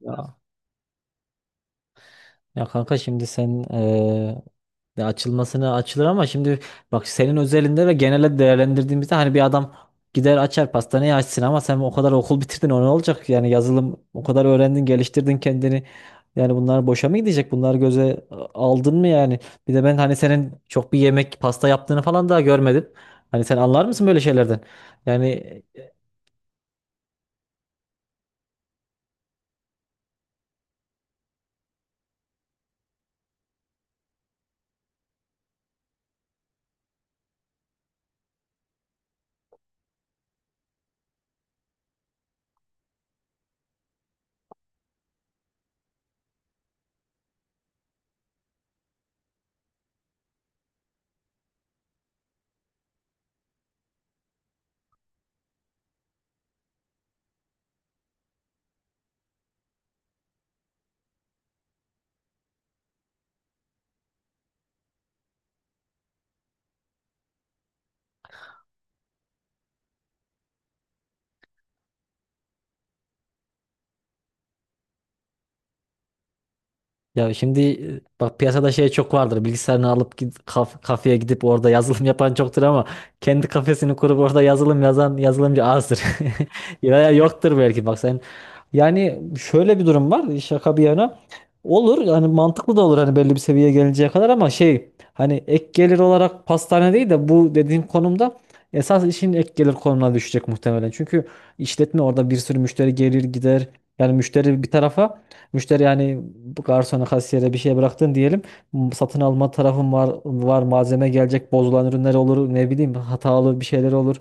Ya, ya kanka şimdi sen ya açılmasına açılır ama şimdi bak senin özelinde ve genele değerlendirdiğimizde hani bir adam gider açar pastaneyi açsın ama sen o kadar okul bitirdin o ne olacak? Yani yazılım o kadar öğrendin geliştirdin kendini. Yani bunlar boşa mı gidecek? Bunları göze aldın mı yani? Bir de ben hani senin çok bir yemek pasta yaptığını falan daha görmedim. Hani sen anlar mısın böyle şeylerden? Yani ya şimdi bak piyasada şey çok vardır. Bilgisayarını alıp git, kafeye gidip orada yazılım yapan çoktur ama kendi kafesini kurup orada yazılım yazan yazılımcı azdır. Ya ya yoktur belki bak sen. Yani şöyle bir durum var şaka bir yana. Olur yani mantıklı da olur hani belli bir seviyeye gelinceye kadar ama şey hani ek gelir olarak pastane değil de bu dediğim konumda esas işin ek gelir konumuna düşecek muhtemelen. Çünkü işletme orada bir sürü müşteri gelir gider. Yani müşteri bir tarafa, müşteri yani bu garsona, kasiyere bir şey bıraktın diyelim. Satın alma tarafın var, var malzeme gelecek, bozulan ürünler olur, ne bileyim hatalı bir şeyler olur.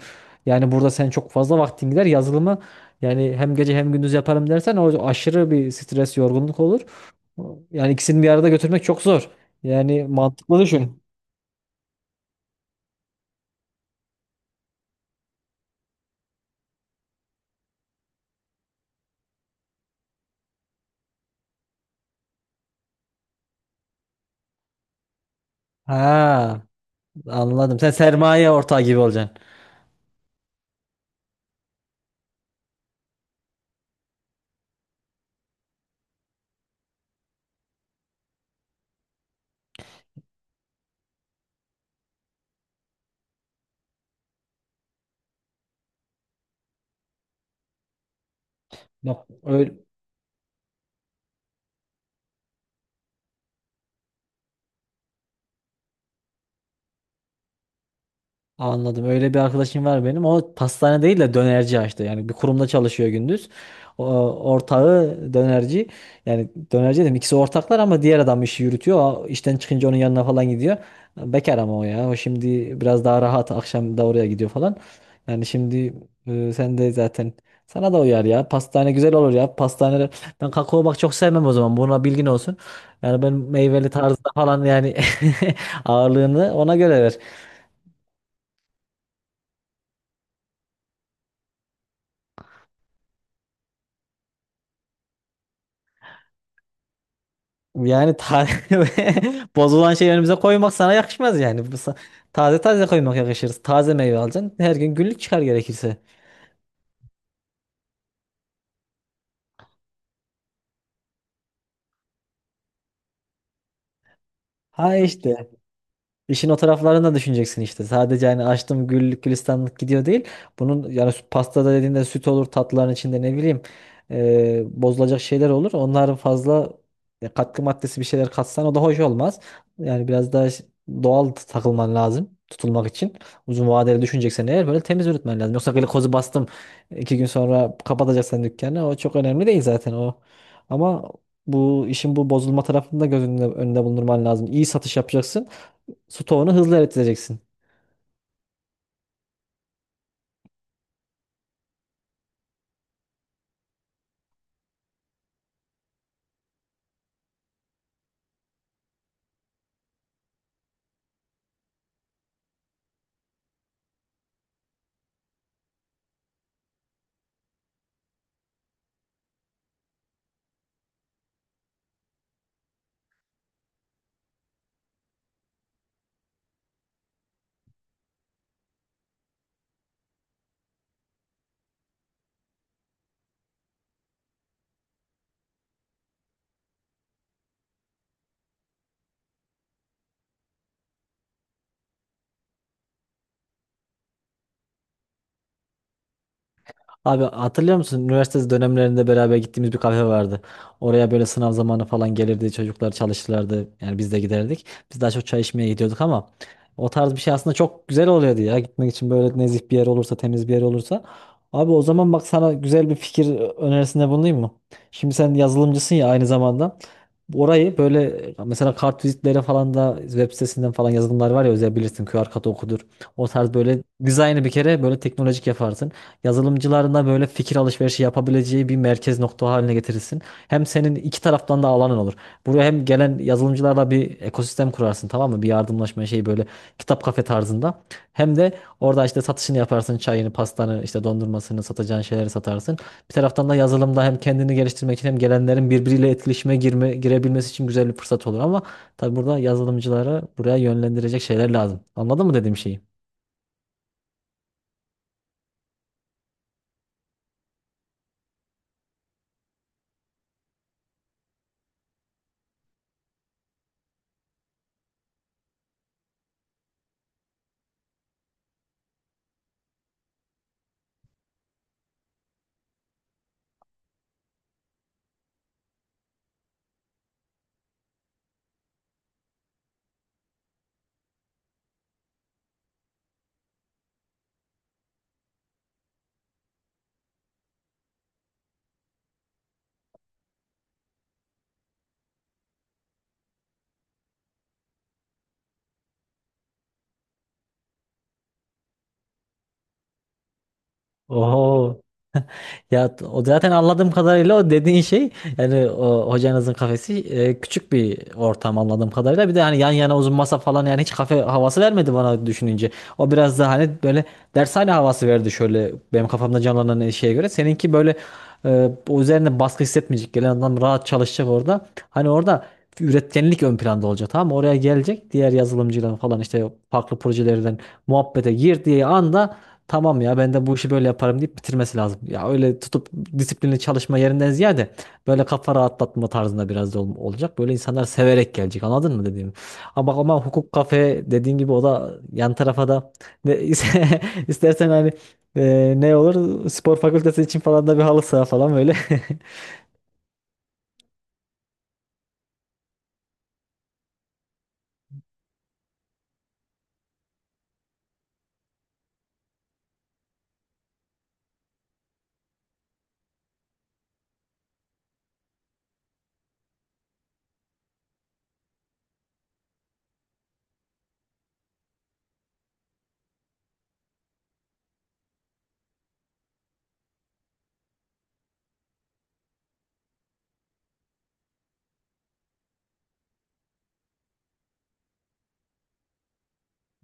Yani burada sen çok fazla vaktin gider yazılımı, yani hem gece hem gündüz yaparım dersen o aşırı bir stres, yorgunluk olur. Yani ikisini bir arada götürmek çok zor. Yani mantıklı düşün. Ha, anladım. Sen sermaye ortağı gibi olacaksın. Yok, öyle, anladım. Öyle bir arkadaşım var benim. O pastane değil de dönerci açtı. Yani bir kurumda çalışıyor gündüz. O, ortağı dönerci. Yani dönerci dedim ikisi ortaklar ama diğer adam işi yürütüyor. O işten çıkınca onun yanına falan gidiyor. Bekar ama o ya. O şimdi biraz daha rahat. Akşam da oraya gidiyor falan. Yani şimdi sen de zaten sana da uyar ya. Pastane güzel olur ya. Pastane, ben kakao bak çok sevmem o zaman. Buna bilgin olsun. Yani ben meyveli tarzda falan yani ağırlığını ona göre ver. Yani taze bozulan şey önümüze koymak sana yakışmaz yani. Taze taze koymak yakışır. Taze meyve alacaksın. Her gün günlük çıkar gerekirse. Ha işte. İşin o taraflarını da düşüneceksin işte. Sadece hani açtım güllük gülistanlık gidiyor değil. Bunun yani pastada dediğinde süt olur, tatlıların içinde ne bileyim bozulacak şeyler olur. Onların fazla katkı maddesi bir şeyler katsan o da hoş olmaz. Yani biraz daha doğal takılman lazım tutulmak için. Uzun vadeli düşüneceksen eğer böyle temiz üretmen lazım. Yoksa glikozu bastım iki gün sonra kapatacaksan dükkanı o çok önemli değil zaten o. Ama bu işin bu bozulma tarafını da göz önünde bulundurman lazım. İyi satış yapacaksın. Stoğunu hızlı eriteceksin. Abi hatırlıyor musun? Üniversite dönemlerinde beraber gittiğimiz bir kafe vardı. Oraya böyle sınav zamanı falan gelirdi. Çocuklar çalışırlardı. Yani biz de giderdik. Biz daha çok çay içmeye gidiyorduk ama o tarz bir şey aslında çok güzel oluyordu ya. Gitmek için böyle nezih bir yer olursa, temiz bir yer olursa. Abi o zaman bak sana güzel bir fikir önerisinde bulunayım mı? Şimdi sen yazılımcısın ya aynı zamanda. Orayı böyle mesela kartvizitlere falan da web sitesinden falan yazılımlar var ya özel bilirsin QR kodu okudur. O tarz böyle dizaynı bir kere böyle teknolojik yaparsın. Yazılımcıların da böyle fikir alışverişi yapabileceği bir merkez nokta haline getirirsin. Hem senin iki taraftan da alanın olur. Buraya hem gelen yazılımcılarla bir ekosistem kurarsın, tamam mı? Bir yardımlaşma şeyi böyle kitap kafe tarzında. Hem de orada işte satışını yaparsın çayını, pastanı, işte dondurmasını satacağın şeyleri satarsın. Bir taraftan da yazılımda hem kendini geliştirmek için hem gelenlerin birbiriyle etkileşime girebilmesi için güzel bir fırsat olur ama tabii burada yazılımcıları buraya yönlendirecek şeyler lazım. Anladın mı dediğim şeyi? Oho, ya o zaten anladığım kadarıyla o dediğin şey, yani o hocanızın kafesi küçük bir ortam anladığım kadarıyla. Bir de hani yan yana uzun masa falan, yani hiç kafe havası vermedi bana düşününce. O biraz daha hani böyle dershane havası verdi şöyle benim kafamda canlanan şeye göre. Seninki böyle o üzerine baskı hissetmeyecek. Gelen adam rahat çalışacak orada. Hani orada üretkenlik ön planda olacak, tamam mı? Oraya gelecek diğer yazılımcılar falan işte farklı projelerden muhabbete girdiği anda tamam ya ben de bu işi böyle yaparım deyip bitirmesi lazım. Ya öyle tutup disiplinli çalışma yerinden ziyade böyle kafa rahatlatma tarzında biraz da olacak. Böyle insanlar severek gelecek, anladın mı dediğim. Ama hukuk kafe dediğin gibi o da yan tarafa da ne, istersen hani ne olur spor fakültesi için falan da bir halı saha falan böyle.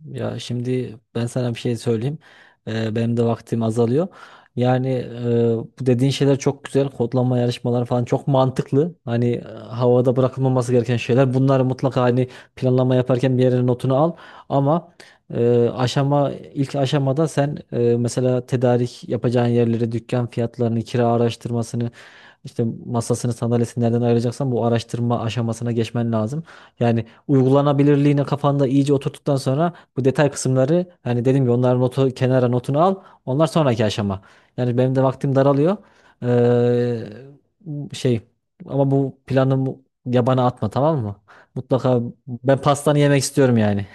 Ya şimdi ben sana bir şey söyleyeyim. Benim de vaktim azalıyor. Yani bu dediğin şeyler çok güzel. Kodlama yarışmaları falan çok mantıklı. Hani havada bırakılmaması gereken şeyler. Bunları mutlaka hani planlama yaparken bir yere notunu al. Ama e, aşama ilk aşamada sen mesela tedarik yapacağın yerleri, dükkan fiyatlarını, kira araştırmasını, işte masasını, sandalyesini nereden ayıracaksan bu araştırma aşamasına geçmen lazım. Yani uygulanabilirliğini kafanda iyice oturttuktan sonra bu detay kısımları hani dedim ya onların notunu al. Onlar sonraki aşama. Yani benim de vaktim daralıyor. Ee, şey ama bu planı yabana atma, tamam mı? Mutlaka ben pastanı yemek istiyorum yani.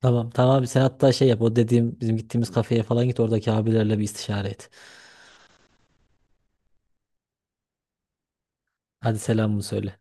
Tamam tamam abi, sen hatta şey yap o dediğim bizim gittiğimiz kafeye falan git oradaki abilerle bir istişare et. Hadi selamımı söyle.